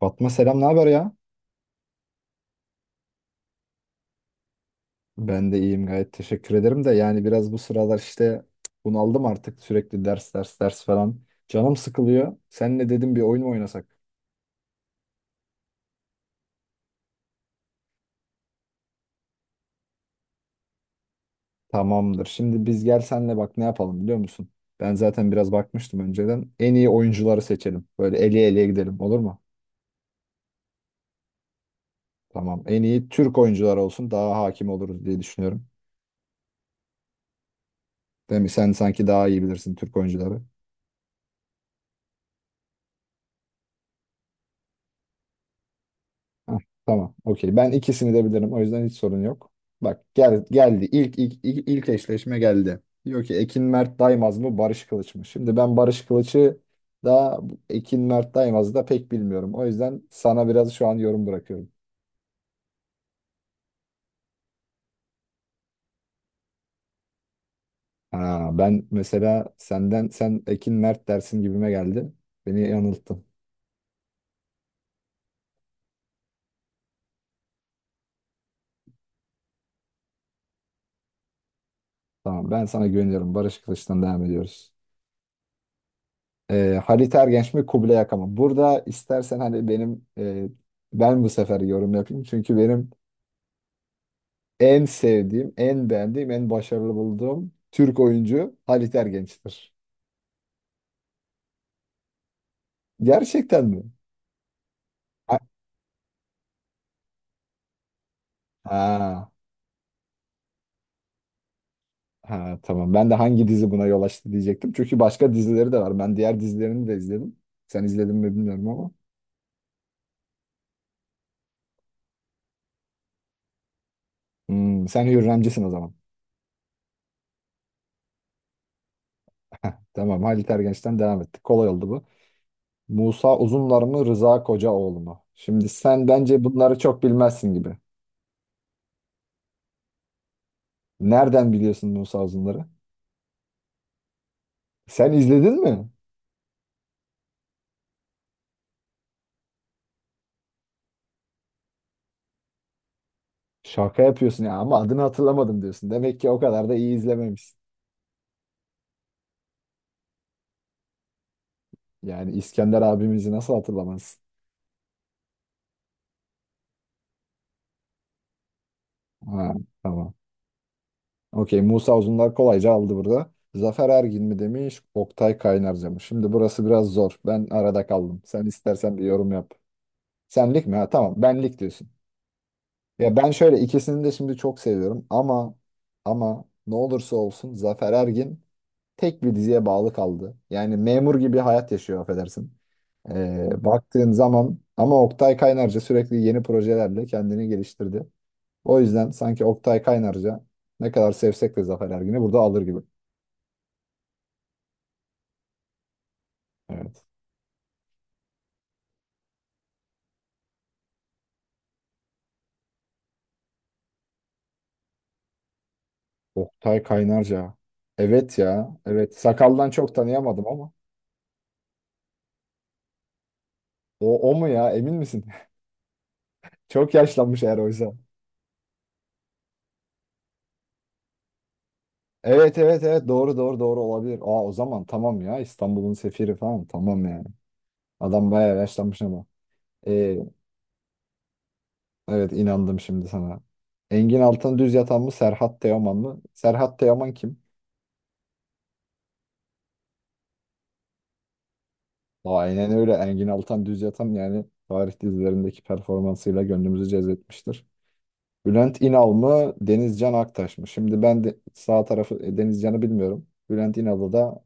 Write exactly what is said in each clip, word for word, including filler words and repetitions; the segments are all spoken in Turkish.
Fatma selam ne haber ya? Ben de iyiyim gayet teşekkür ederim de yani biraz bu sıralar işte bunaldım artık sürekli ders ders ders falan. Canım sıkılıyor. Senle dedim bir oyun mu oynasak? Tamamdır. Şimdi biz gel senle bak ne yapalım biliyor musun? Ben zaten biraz bakmıştım önceden. En iyi oyuncuları seçelim. Böyle eleye eleye gidelim olur mu? Tamam. En iyi Türk oyuncular olsun daha hakim oluruz diye düşünüyorum. Değil mi? Sen sanki daha iyi bilirsin Türk oyuncuları. Heh, tamam. Okey. Ben ikisini de bilirim. O yüzden hiç sorun yok. Bak gel, geldi. İlk, ilk, ilk, ilk eşleşme geldi. Diyor ki Ekin Mert Daymaz mı Barış Kılıç mı? Şimdi ben Barış Kılıç'ı da Ekin Mert Daymaz'ı da pek bilmiyorum. O yüzden sana biraz şu an yorum bırakıyorum. Ha, ben mesela senden sen Ekin Mert dersin gibime geldi. Beni yanılttın. Tamam ben sana güveniyorum. Barış Kılıç'tan devam ediyoruz. E, Halit Ergenç mi Kubilay Aka mı? Burada istersen hani benim e, ben bu sefer yorum yapayım. Çünkü benim en sevdiğim, en beğendiğim, en başarılı bulduğum Türk oyuncu Halit Ergenç'tir. Gerçekten mi? Ha, ha, ha, tamam. Ben de hangi dizi buna yol açtı diyecektim. Çünkü başka dizileri de var. Ben diğer dizilerini de izledim. Sen izledin mi bilmiyorum ama. Hmm, sen Hürremcisin o zaman. Tamam Halit Ergenç'ten devam ettik. Kolay oldu bu. Musa Uzunlar mı Rıza Kocaoğlu mu? Şimdi sen bence bunları çok bilmezsin gibi. Nereden biliyorsun Musa Uzunlar'ı? Sen izledin mi? Şaka yapıyorsun ya ama adını hatırlamadım diyorsun. Demek ki o kadar da iyi izlememişsin. Yani İskender abimizi nasıl hatırlamazsın? Ha, tamam. Okey Musa Uzunlar kolayca aldı burada. Zafer Ergin mi demiş, Oktay Kaynarca mı? Şimdi burası biraz zor. Ben arada kaldım. Sen istersen bir yorum yap. Senlik mi? Ha, tamam benlik diyorsun. Ya ben şöyle ikisini de şimdi çok seviyorum ama ama ne olursa olsun Zafer Ergin tek bir diziye bağlı kaldı. Yani memur gibi hayat yaşıyor affedersin. Ee, baktığın zaman ama Oktay Kaynarca sürekli yeni projelerle kendini geliştirdi. O yüzden sanki Oktay Kaynarca ne kadar sevsek de Zafer Ergin'i burada alır gibi. Evet. Oktay Kaynarca. Evet ya. Evet. Sakaldan çok tanıyamadım ama. O, o mu ya? Emin misin? Çok yaşlanmış eğer oysa. Evet evet evet doğru doğru doğru olabilir. Aa o zaman tamam ya İstanbul'un sefiri falan tamam yani. Adam bayağı yaşlanmış ama. Ee, evet inandım şimdi sana. Engin Altan Düz Yatan mı Serhat Teoman mı? Serhat Teoman kim? Aa, aynen öyle Engin Altan Düz Yatan yani tarih dizilerindeki performansıyla gönlümüzü cezbetmiştir. Bülent İnal mı Denizcan Aktaş mı? Şimdi ben de sağ tarafı e, Denizcan'ı bilmiyorum. Bülent İnal'ı da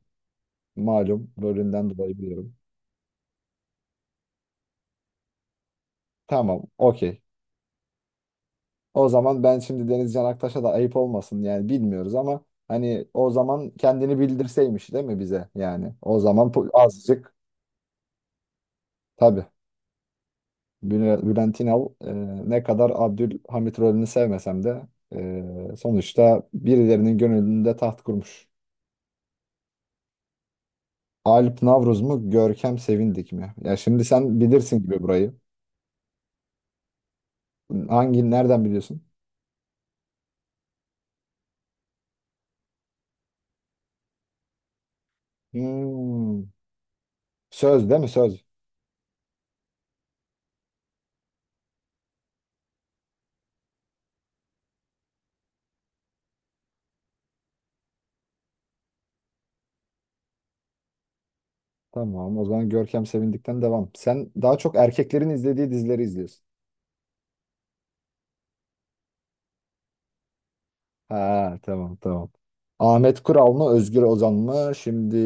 malum rolünden dolayı biliyorum. Tamam okey. O zaman ben şimdi Deniz Can Aktaş'a da ayıp olmasın yani bilmiyoruz ama hani o zaman kendini bildirseymiş değil mi bize yani o zaman po- azıcık tabii Bül- Bülent İnal e, ne kadar Abdülhamit rolünü sevmesem de e, sonuçta birilerinin gönlünde taht kurmuş. Alp Navruz mu Görkem Sevindik mi? Ya şimdi sen bilirsin gibi burayı. Hangi nereden biliyorsun? Hmm. Söz değil mi söz? Tamam o zaman Görkem Sevindik'ten devam. Sen daha çok erkeklerin izlediği dizileri izliyorsun. Ha tamam tamam. Ahmet Kural mı Özgür Ozan mı? Şimdi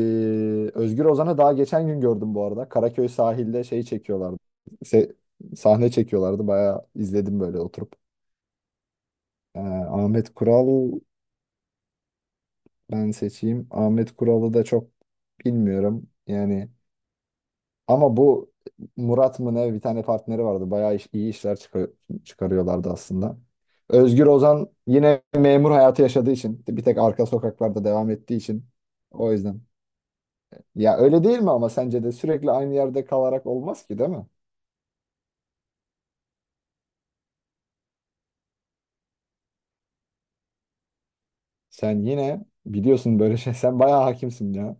Özgür Ozan'ı daha geçen gün gördüm bu arada. Karaköy sahilde şey çekiyorlardı. Se- sahne çekiyorlardı. Bayağı izledim böyle oturup. Ee, Ahmet Kural ben seçeyim. Ahmet Kural'ı da çok bilmiyorum. Yani Ama bu Murat mı ne bir tane partneri vardı. Bayağı iş- iyi işler çıkar- çıkarıyorlardı aslında. Özgür Ozan yine memur hayatı yaşadığı için bir tek arka sokaklarda devam ettiği için o yüzden. Ya öyle değil mi ama sence de sürekli aynı yerde kalarak olmaz ki değil mi? Sen yine biliyorsun böyle şey. Sen bayağı hakimsin ya.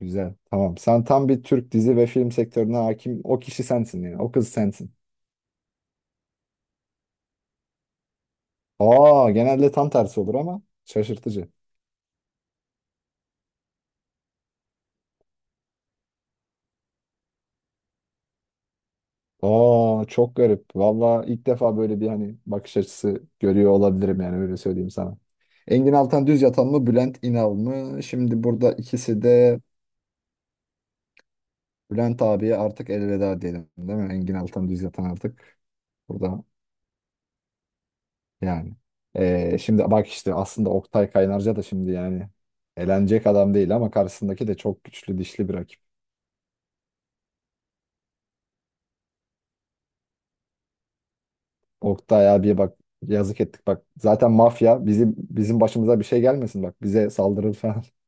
Güzel. Tamam. Sen tam bir Türk dizi ve film sektörüne hakim. O kişi sensin yani. O kız sensin. Aa genelde tam tersi olur ama şaşırtıcı. Aa çok garip. Valla ilk defa böyle bir hani bakış açısı görüyor olabilirim yani öyle söyleyeyim sana. Engin Altan Düz Yatan mı Bülent İnal mı? Şimdi burada ikisi de Bülent abiye artık elveda diyelim değil mi? Engin Altan Düz Yatan artık burada yani. Ee, şimdi bak işte aslında Oktay Kaynarca da şimdi yani elenecek adam değil ama karşısındaki de çok güçlü dişli bir rakip. Oktay abiye bak yazık ettik bak zaten mafya bizim bizim başımıza bir şey gelmesin bak bize saldırır falan.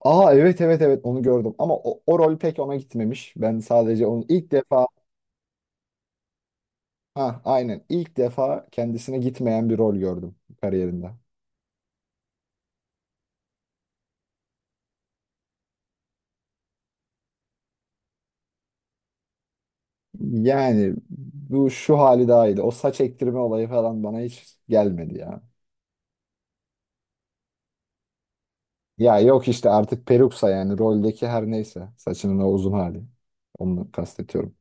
Aa evet evet evet onu gördüm ama o, o rol pek ona gitmemiş. Ben sadece onun ilk defa ha aynen ilk defa kendisine gitmeyen bir rol gördüm kariyerinde. Yani bu şu hali daha iyiydi. O saç ektirme olayı falan bana hiç gelmedi ya. Ya yok işte artık peruksa yani roldeki her neyse saçının o uzun hali. Onu kastediyorum.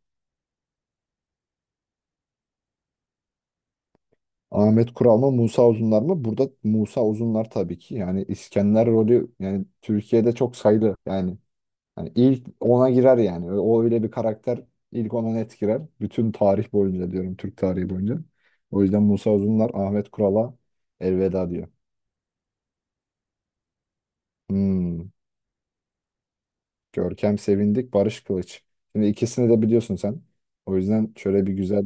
Ahmet Kural mı Musa Uzunlar mı? Burada Musa Uzunlar tabii ki. Yani İskender rolü yani Türkiye'de çok sayılı yani. Hani ilk ona girer yani. Ö- O öyle bir karakter ilk ona net girer. Bütün tarih boyunca diyorum Türk tarihi boyunca. O yüzden Musa Uzunlar Ahmet Kural'a elveda diyor. Hmm. Görkem Sevindik, Barış Kılıç. Şimdi ikisini de biliyorsun sen. O yüzden şöyle bir güzel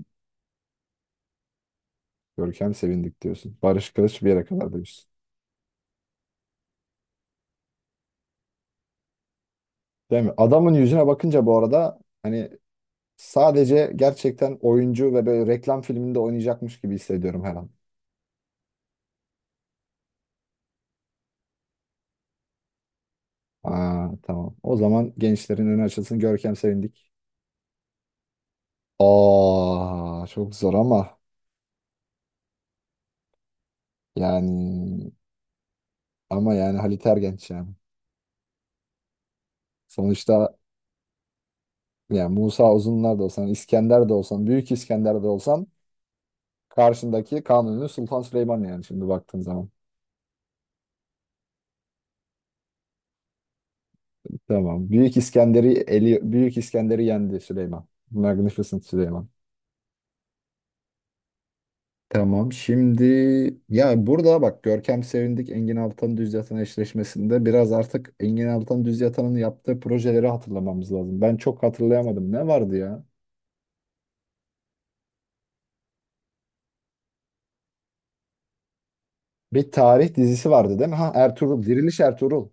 Görkem Sevindik diyorsun. Barış Kılıç bir yere kadar diyorsun. Değil mi? Adamın yüzüne bakınca bu arada hani sadece gerçekten oyuncu ve böyle reklam filminde oynayacakmış gibi hissediyorum her an. Aa, tamam. O zaman gençlerin önü açılsın. Görkem Sevindik. Aa, çok zor ama yani ama yani Halit Ergenç yani. Sonuçta yani Musa Uzunlar da olsan, İskender de olsan, Büyük İskender de olsan karşındaki Kanuni Sultan Süleyman yani şimdi baktığın zaman. Tamam. Büyük İskender'i eli Büyük İskender'i yendi Süleyman. Magnificent Süleyman. Tamam. Şimdi ya burada bak Görkem Sevindik Engin Altan Düz Yatan eşleşmesinde biraz artık Engin Altan Düz Yatan'ın yaptığı projeleri hatırlamamız lazım. Ben çok hatırlayamadım. Ne vardı ya? Bir tarih dizisi vardı değil mi? Ha Ertuğrul, Diriliş Ertuğrul.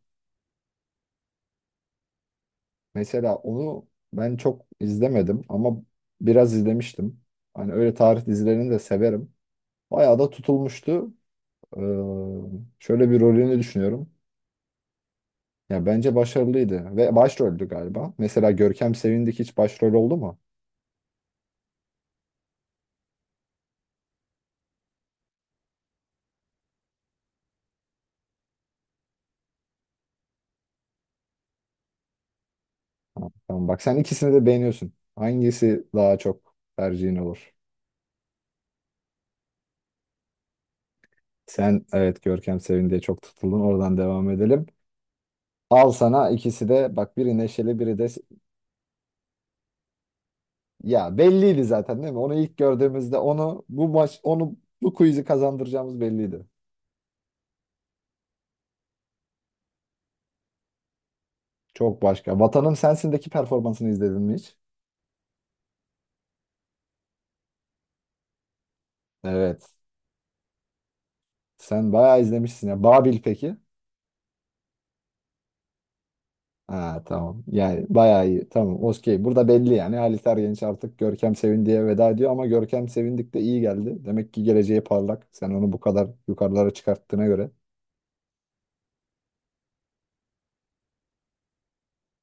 Mesela onu ben çok izlemedim ama biraz izlemiştim. Hani öyle tarih dizilerini de severim. Bayağı da tutulmuştu. Ee, şöyle bir rolünü düşünüyorum. Ya bence başarılıydı ve başroldü galiba. Mesela Görkem Sevindik hiç başrol oldu mu? Tamam bak sen ikisini de beğeniyorsun. Hangisi daha çok tercihin olur? Sen evet Görkem Sevindik'e çok tutuldun. Oradan devam edelim. Al sana ikisi de bak biri neşeli biri de ya belliydi zaten değil mi? Onu ilk gördüğümüzde onu bu maç onu bu quiz'i kazandıracağımız belliydi. Çok başka. Vatanım Sensin'deki performansını izledin mi hiç? Evet. Sen bayağı izlemişsin ya. Babil peki? Ha tamam. Yani bayağı iyi. Tamam. Okey. Burada belli yani. Halit Ergenç artık Görkem Sevindi'ye veda ediyor ama Görkem Sevindik de iyi geldi. Demek ki geleceği parlak. Sen onu bu kadar yukarılara çıkarttığına göre.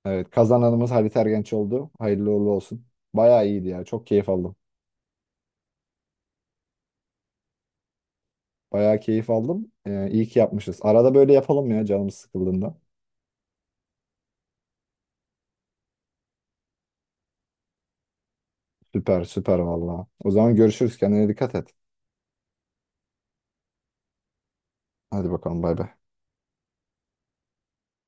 Evet. Kazananımız Halit Ergenç oldu. Hayırlı uğurlu olsun. Bayağı iyiydi ya. Çok keyif aldım. Bayağı keyif aldım. Ee, iyi ki yapmışız. Arada böyle yapalım ya canımız sıkıldığında. Süper süper vallahi. O zaman görüşürüz. Kendine dikkat et. Hadi bakalım bay bay.